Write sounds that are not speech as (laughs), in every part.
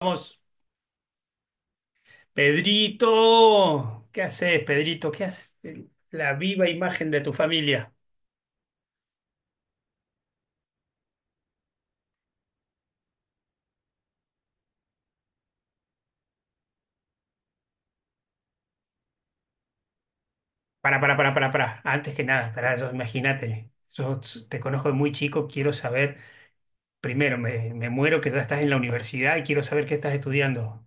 Vamos, Pedrito, ¿qué haces, Pedrito? ¿Qué haces? La viva imagen de tu familia. Para, para. Antes que nada, para yo, imagínate. Yo te conozco de muy chico, quiero saber. Primero, me muero que ya estás en la universidad y quiero saber qué estás estudiando.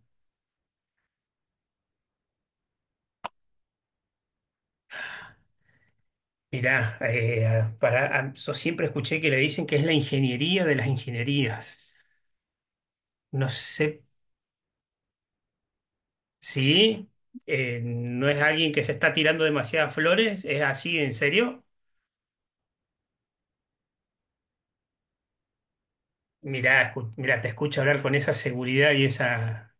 Mirá, para, yo siempre escuché que le dicen que es la ingeniería de las ingenierías. No sé si no es alguien que se está tirando demasiadas flores, ¿es así, en serio? Mirá, mirá, te escucho hablar con esa seguridad y esa,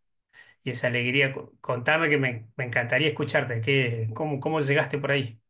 y esa alegría. Contame que me encantaría escucharte. ¿Qué, cómo llegaste por ahí?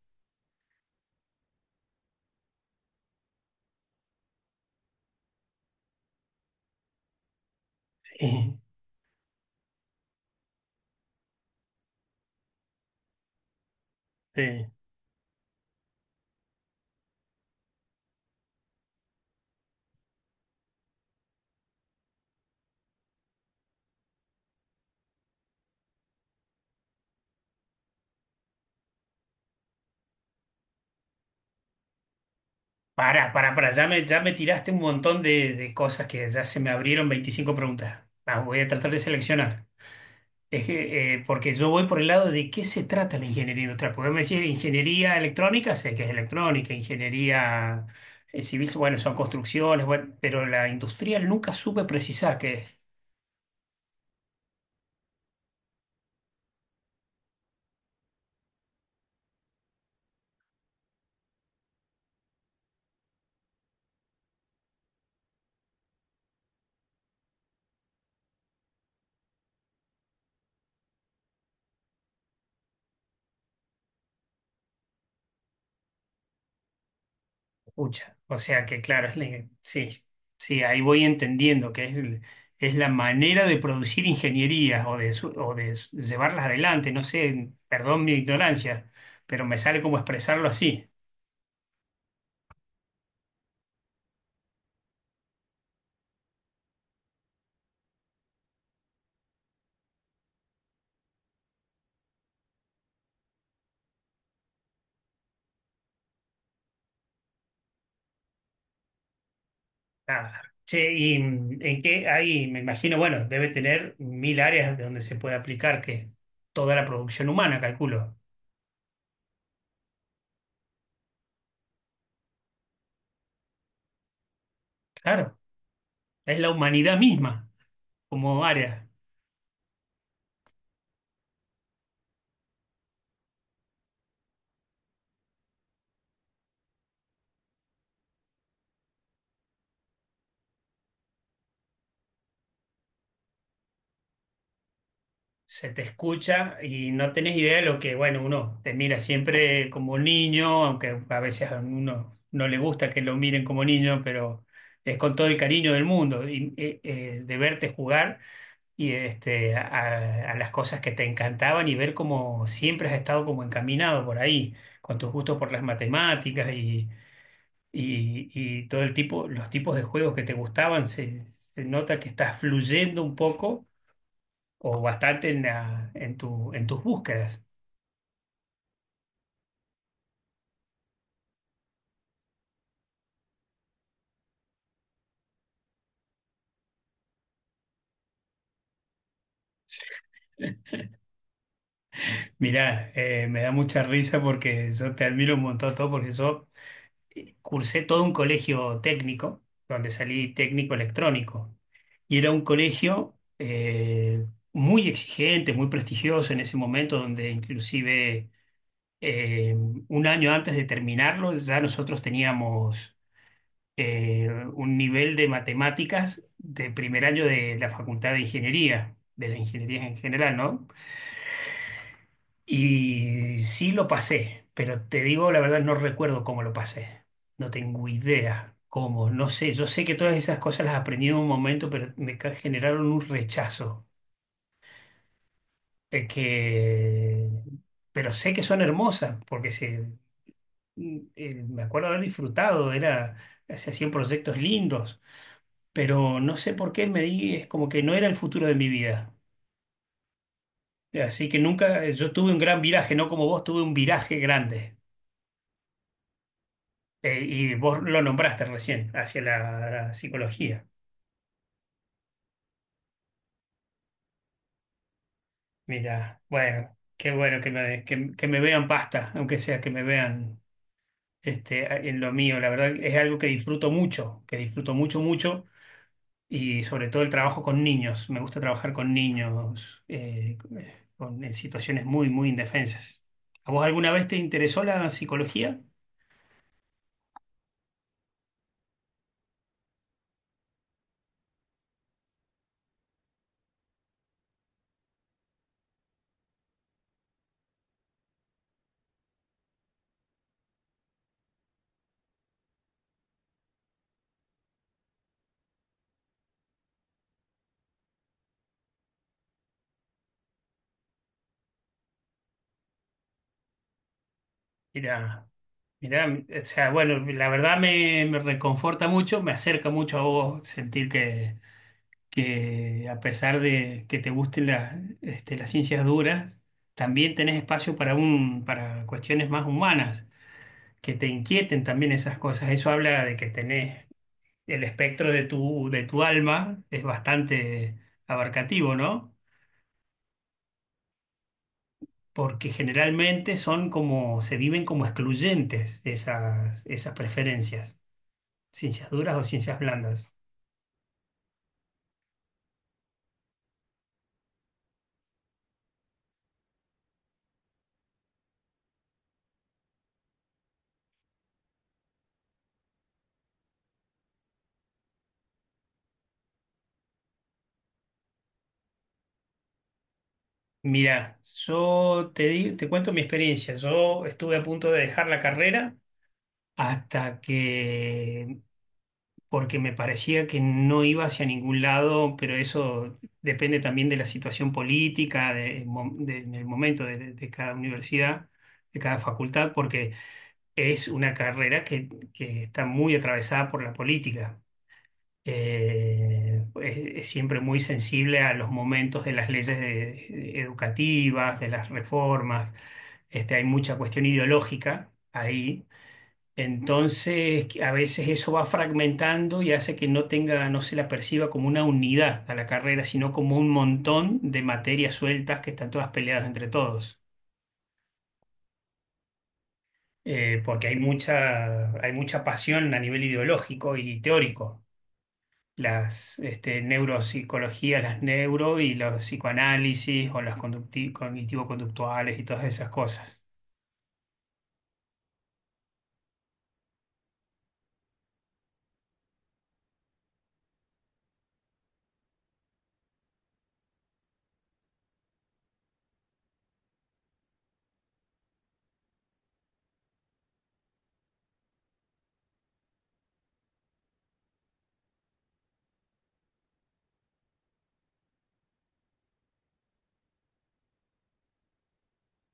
Para, ya me tiraste un montón de cosas que ya se me abrieron 25 preguntas. Las voy a tratar de seleccionar. Es que, porque yo voy por el lado de qué se trata la ingeniería industrial. Porque me decís ingeniería electrónica, sé que es electrónica, ingeniería civil, bueno, son construcciones, bueno, pero la industrial nunca supe precisar qué es. Pucha, o sea que claro, sí, sí, ahí voy entendiendo que es la manera de producir ingenierías o de, su- o de s- llevarlas adelante, no sé, perdón mi ignorancia, pero me sale como expresarlo así. Ah, che, y en qué hay, me imagino, bueno, debe tener mil áreas de donde se puede aplicar que es toda la producción humana, calculo. Claro, es la humanidad misma como área. Se te escucha y no tenés idea de lo que, bueno, uno te mira siempre como un niño, aunque a veces a uno no le gusta que lo miren como niño, pero es con todo el cariño del mundo y, de verte jugar y a las cosas que te encantaban y ver cómo siempre has estado como encaminado por ahí, con tus gustos por las matemáticas y, y todo los tipos de juegos que te gustaban, se nota que estás fluyendo un poco o bastante en tus búsquedas. Mirá, me da mucha risa porque yo te admiro un montón todo, porque yo cursé todo un colegio técnico, donde salí técnico electrónico, y era un colegio muy exigente, muy prestigioso en ese momento, donde inclusive eh, un año antes de terminarlo ya nosotros teníamos un nivel de matemáticas de primer año de la Facultad de Ingeniería, de la ingeniería en general, ¿no? Y sí lo pasé, pero te digo la verdad, no recuerdo cómo lo pasé. No tengo idea cómo, no sé. Yo sé que todas esas cosas las aprendí en un momento, pero generaron un rechazo. eh, que... Pero sé que son hermosas, me acuerdo haber disfrutado, se hacían proyectos lindos. Pero no sé por qué es como que no era el futuro de mi vida. Así que nunca, yo tuve un gran viraje, no como vos, tuve un viraje grande. Y vos lo nombraste recién, hacia la psicología. Mira, bueno, qué bueno que que me vean pasta, aunque sea que me vean en lo mío. La verdad es algo que disfruto mucho, mucho. Y sobre todo el trabajo con niños. Me gusta trabajar con niños en situaciones muy, muy indefensas. ¿A vos alguna vez te interesó la psicología? Mira, mira, o sea, bueno, la verdad me reconforta mucho, me acerca mucho a vos sentir que a pesar de que te gusten las ciencias duras, también tenés espacio para para cuestiones más humanas, que te inquieten también esas cosas. Eso habla de que tenés el espectro de tu alma es bastante abarcativo, ¿no? Porque generalmente son como, se viven como excluyentes esas preferencias, ciencias duras o ciencias blandas. Mira, yo te cuento mi experiencia. Yo estuve a punto de dejar la carrera hasta que porque me parecía que no iba hacia ningún lado, pero eso depende también de la situación política, del momento de cada universidad, de cada facultad, porque es una carrera que está muy atravesada por la política. Es siempre muy sensible a los momentos de las leyes educativas, de las reformas. Este, hay mucha cuestión ideológica ahí entonces, que a veces eso va fragmentando y hace que no tenga, no se la perciba como una unidad a la carrera, sino como un montón de materias sueltas que están todas peleadas entre todos. Porque hay mucha, pasión a nivel ideológico y teórico. Las neuropsicologías, las neuro y los psicoanálisis o las cognitivo-conductuales y todas esas cosas.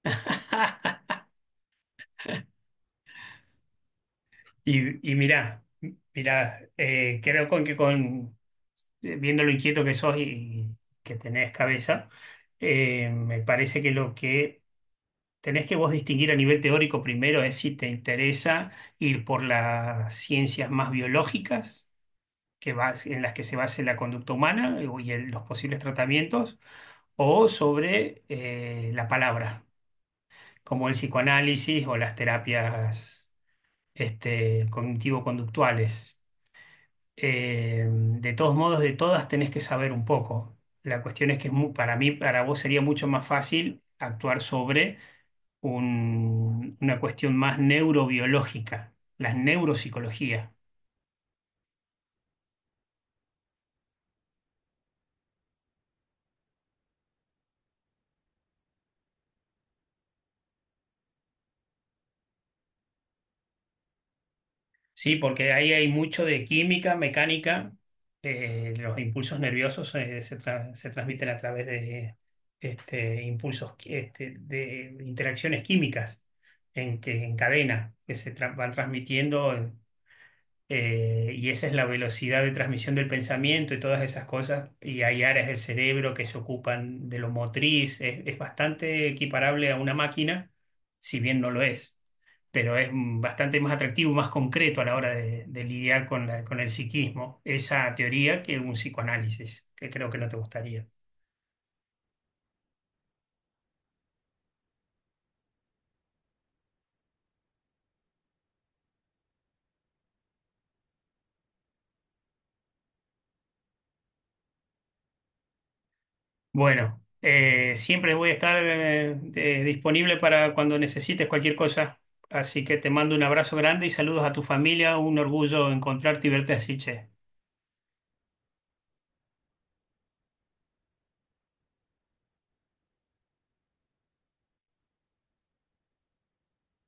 (laughs) Y mirá, mirá, creo viendo lo inquieto que sos y que tenés cabeza, me parece que lo que tenés que vos distinguir a nivel teórico primero es si te interesa ir por las ciencias más biológicas, que en las que se base la conducta humana y los posibles tratamientos, o sobre la palabra, como el psicoanálisis o las terapias cognitivo-conductuales. De todos modos, de todas tenés que saber un poco. La cuestión es que para mí, para vos sería mucho más fácil actuar sobre una cuestión más neurobiológica, las neuropsicologías. Sí, porque ahí hay mucho de química, mecánica, los impulsos nerviosos se transmiten a través de este, impulsos, qui- este, de interacciones químicas en cadena que van transmitiendo. Y esa es la velocidad de transmisión del pensamiento y todas esas cosas, y hay áreas del cerebro que se ocupan de lo motriz, es bastante equiparable a una máquina, si bien no lo es, pero es bastante más atractivo, más concreto a la hora de lidiar con con el psiquismo, esa teoría que un psicoanálisis, que creo que no te gustaría. Bueno, siempre voy a estar disponible para cuando necesites cualquier cosa. Así que te mando un abrazo grande y saludos a tu familia. Un orgullo encontrarte y verte así, che.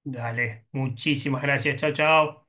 Dale, muchísimas gracias. Chao, chao.